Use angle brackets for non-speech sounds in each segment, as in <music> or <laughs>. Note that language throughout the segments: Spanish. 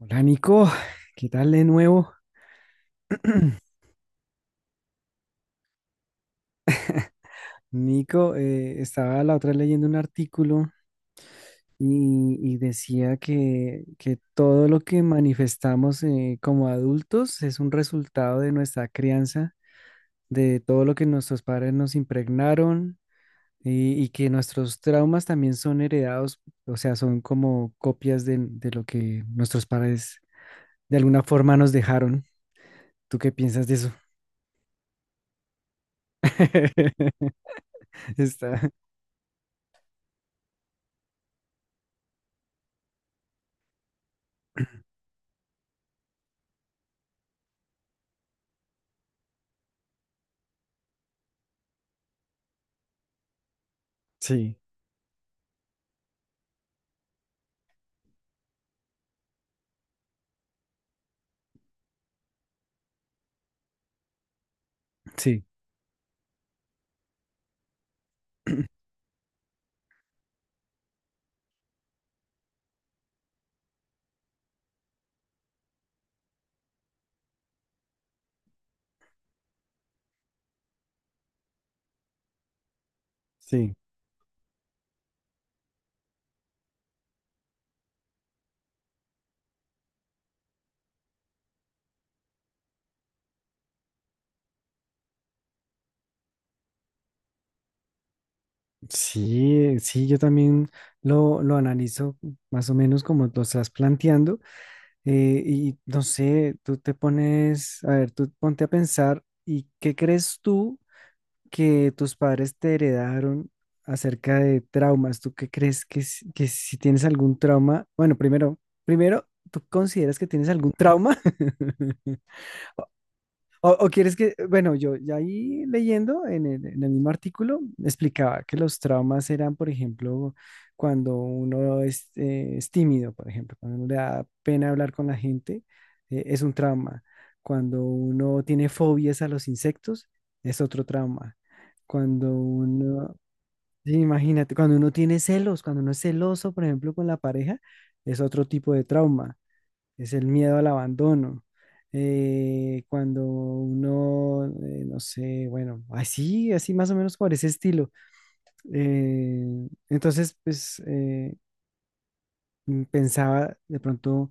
Hola Nico, ¿qué tal de nuevo? <clears throat> Nico, estaba la otra vez leyendo un artículo y decía que todo lo que manifestamos, como adultos, es un resultado de nuestra crianza, de todo lo que nuestros padres nos impregnaron, y que nuestros traumas también son heredados. O sea, son como copias de lo que nuestros padres de alguna forma nos dejaron. ¿Tú qué piensas de eso? <laughs> Está, sí, sí. Sí. Sí, sí, yo también lo analizo más o menos como lo estás planteando. Y no sé, tú te pones, a ver, tú ponte a pensar, ¿y qué crees tú que tus padres te heredaron acerca de traumas? ¿Tú qué crees que si tienes algún trauma? Bueno, primero, ¿tú consideras que tienes algún trauma? <laughs> O quieres que, bueno, yo ya ahí leyendo en el mismo artículo explicaba que los traumas eran, por ejemplo, cuando uno es tímido; por ejemplo, cuando uno le da pena hablar con la gente, es un trauma. Cuando uno tiene fobias a los insectos, es otro trauma. Cuando uno, sí, imagínate, cuando uno tiene celos, cuando uno es celoso, por ejemplo, con la pareja, es otro tipo de trauma: es el miedo al abandono. Cuando uno, no sé, bueno, así, así, más o menos por ese estilo. Entonces, pues pensaba de pronto,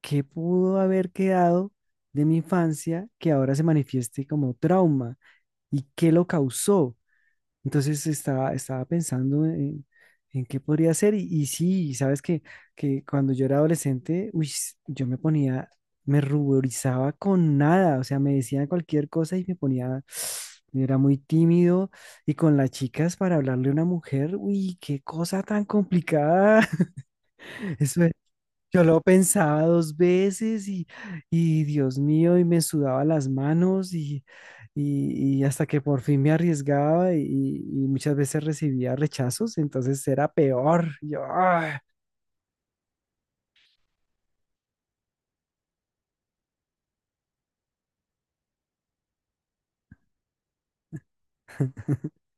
¿qué pudo haber quedado de mi infancia que ahora se manifieste como trauma? ¿Y qué lo causó? Entonces estaba pensando en qué podría ser, y sí, sabes que cuando yo era adolescente, uy, yo me ponía, me ruborizaba con nada. O sea, me decían cualquier cosa y me ponía, <sniffs> era muy tímido, y con las chicas, para hablarle a una mujer, uy, qué cosa tan complicada, <laughs> eso, yo lo pensaba dos veces, y Dios mío, y me sudaba las manos, y hasta que por fin me arriesgaba, y muchas veces recibía rechazos, entonces era peor. Yo, ¡ah! <laughs>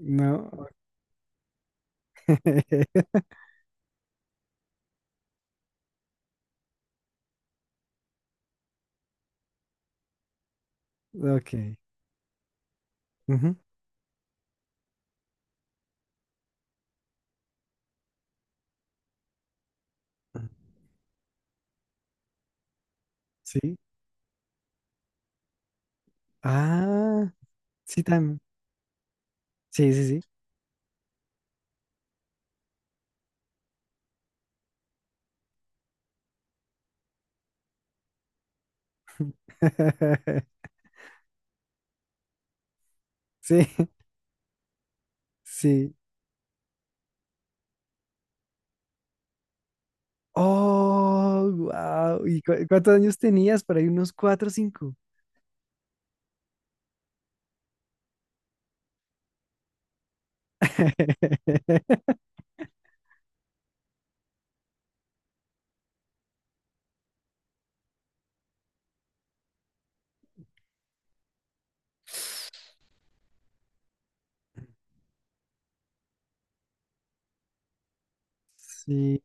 No. <laughs> Ok. Ujú. Sí. Ah, sí, también. Sí, sí, sí. <laughs> Sí, sí. Oh, wow. ¿Y cuántos años tenías? Por ahí unos cuatro o cinco. <laughs> Sí.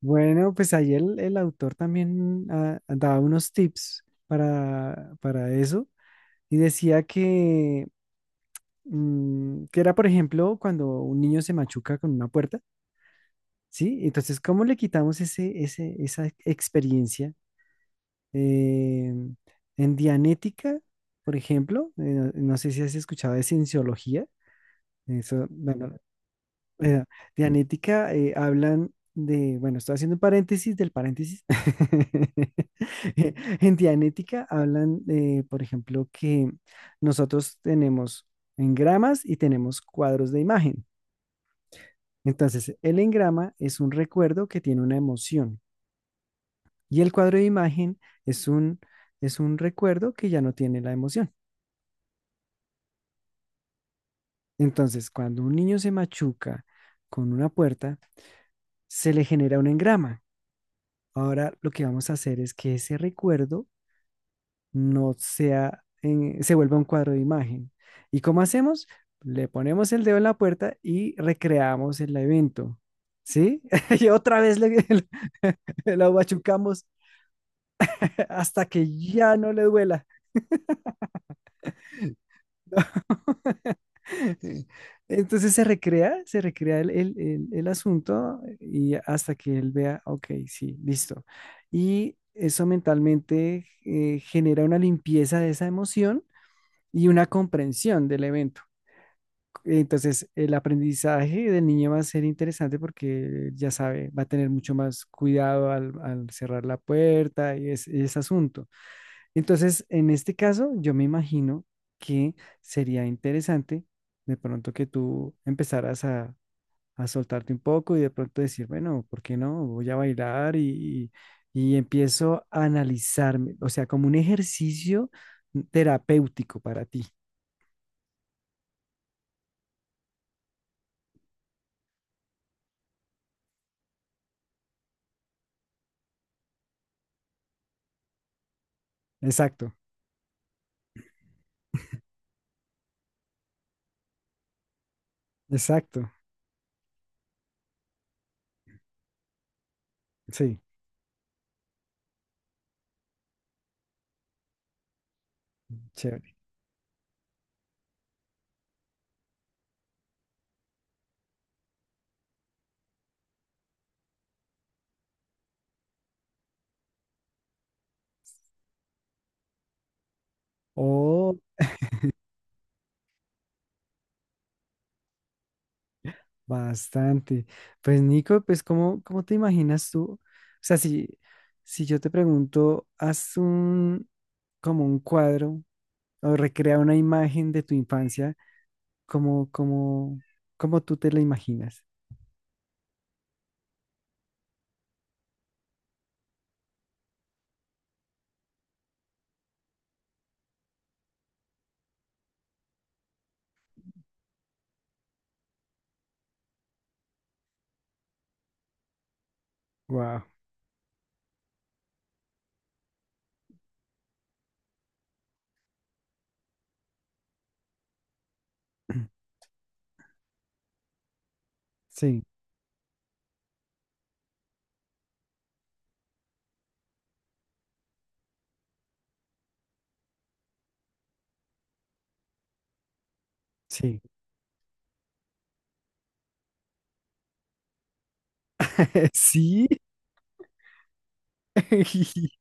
Bueno, pues ahí el autor también, daba unos tips para eso y decía que era, por ejemplo, cuando un niño se machuca con una puerta, ¿sí? Entonces, ¿cómo le quitamos esa experiencia? Eh, en Dianética, por ejemplo, no sé si has escuchado de cienciología, eso, bueno, de anética, hablan bueno, estoy haciendo un paréntesis del paréntesis. <laughs> Eh, En Dianética hablan, por ejemplo, que nosotros tenemos engramas y tenemos cuadros de imagen. Entonces, el engrama es un recuerdo que tiene una emoción, y el cuadro de imagen es un, es un recuerdo que ya no tiene la emoción. Entonces, cuando un niño se machuca con una puerta, se le genera un engrama. Ahora lo que vamos a hacer es que ese recuerdo no sea, se vuelva un cuadro de imagen. ¿Y cómo hacemos? Le ponemos el dedo en la puerta y recreamos el evento. ¿Sí? <laughs> Y otra vez le, <laughs> lo machucamos hasta que ya no le duela. <laughs> Entonces se recrea el asunto, y hasta que él vea, ok, sí, listo. Y eso mentalmente, genera una limpieza de esa emoción y una comprensión del evento. Entonces, el aprendizaje del niño va a ser interesante, porque ya sabe, va a tener mucho más cuidado al cerrar la puerta y ese asunto. Entonces, en este caso, yo me imagino que sería interesante de pronto que tú empezaras a soltarte un poco y de pronto decir, bueno, ¿por qué no? Voy a bailar, y empiezo a analizarme, o sea, como un ejercicio terapéutico para ti. Exacto. Exacto, sí, chévere. Oh, bastante. Pues Nico, pues ¿cómo te imaginas tú? O sea, si yo te pregunto, como un cuadro o recrea una imagen de tu infancia, ¿cómo, cómo, cómo tú te la imaginas? Wow. <clears throat> Sí, sí. <laughs> Sí. <laughs>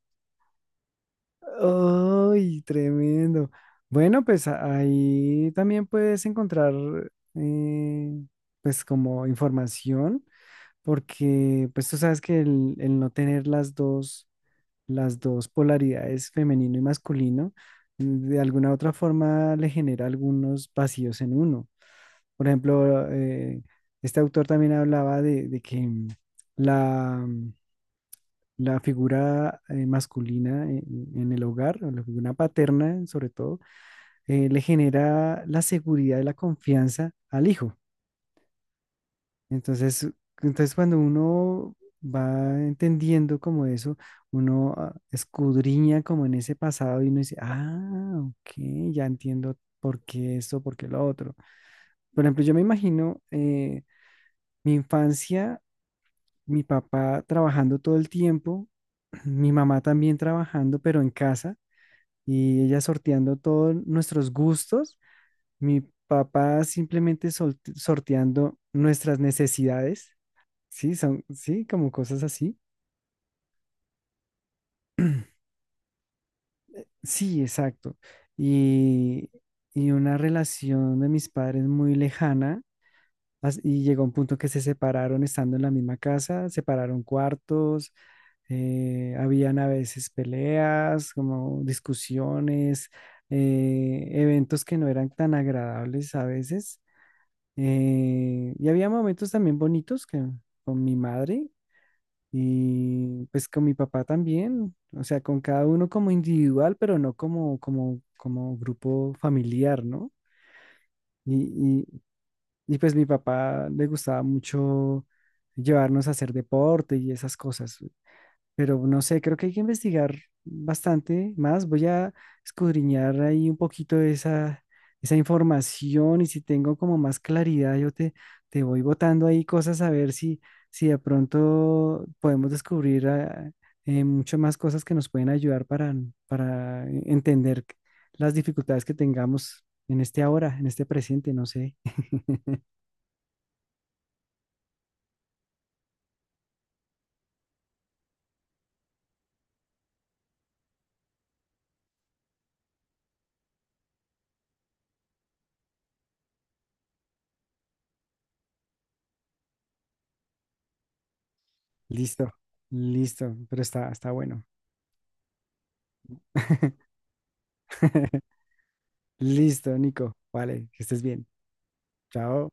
¡Ay, tremendo! Bueno, pues ahí también puedes encontrar, eh, pues, como información, porque pues tú sabes que el no tener las dos, polaridades, femenino y masculino, de alguna u otra forma, le genera algunos vacíos en uno. Por ejemplo, este autor también hablaba de que la, la figura, masculina en el hogar, o la figura paterna sobre todo, le genera la seguridad y la confianza al hijo. Entonces, cuando uno va entendiendo como eso, uno, escudriña como en ese pasado y uno dice, ah, ok, ya entiendo por qué esto, por qué lo otro. Por ejemplo, yo me imagino, mi infancia, mi papá trabajando todo el tiempo, <clears throat> mi mamá también trabajando, pero en casa, y ella sorteando todos nuestros gustos, mi papá simplemente sorteando nuestras necesidades, sí, son, sí, como cosas así. Sí, exacto. Y, y una relación de mis padres muy lejana, y llegó un punto que se separaron estando en la misma casa, separaron cuartos, habían a veces peleas, como discusiones, eventos que no eran tan agradables a veces. Y había momentos también bonitos, que con mi madre, y pues con mi papá también, o sea, con cada uno como individual, pero no como, grupo familiar, ¿no? Y, y, y pues mi papá le gustaba mucho llevarnos a hacer deporte y esas cosas, pero no sé, creo que hay que investigar bastante más. Voy a escudriñar ahí un poquito de esa información, y si tengo como más claridad, yo te voy botando ahí cosas, a ver si de pronto podemos descubrir, mucho más cosas que nos pueden ayudar para entender las dificultades que tengamos en este ahora, en este presente, no sé. <laughs> Listo, listo, pero está bueno. <laughs> Listo, Nico. Vale, que estés bien. Chao.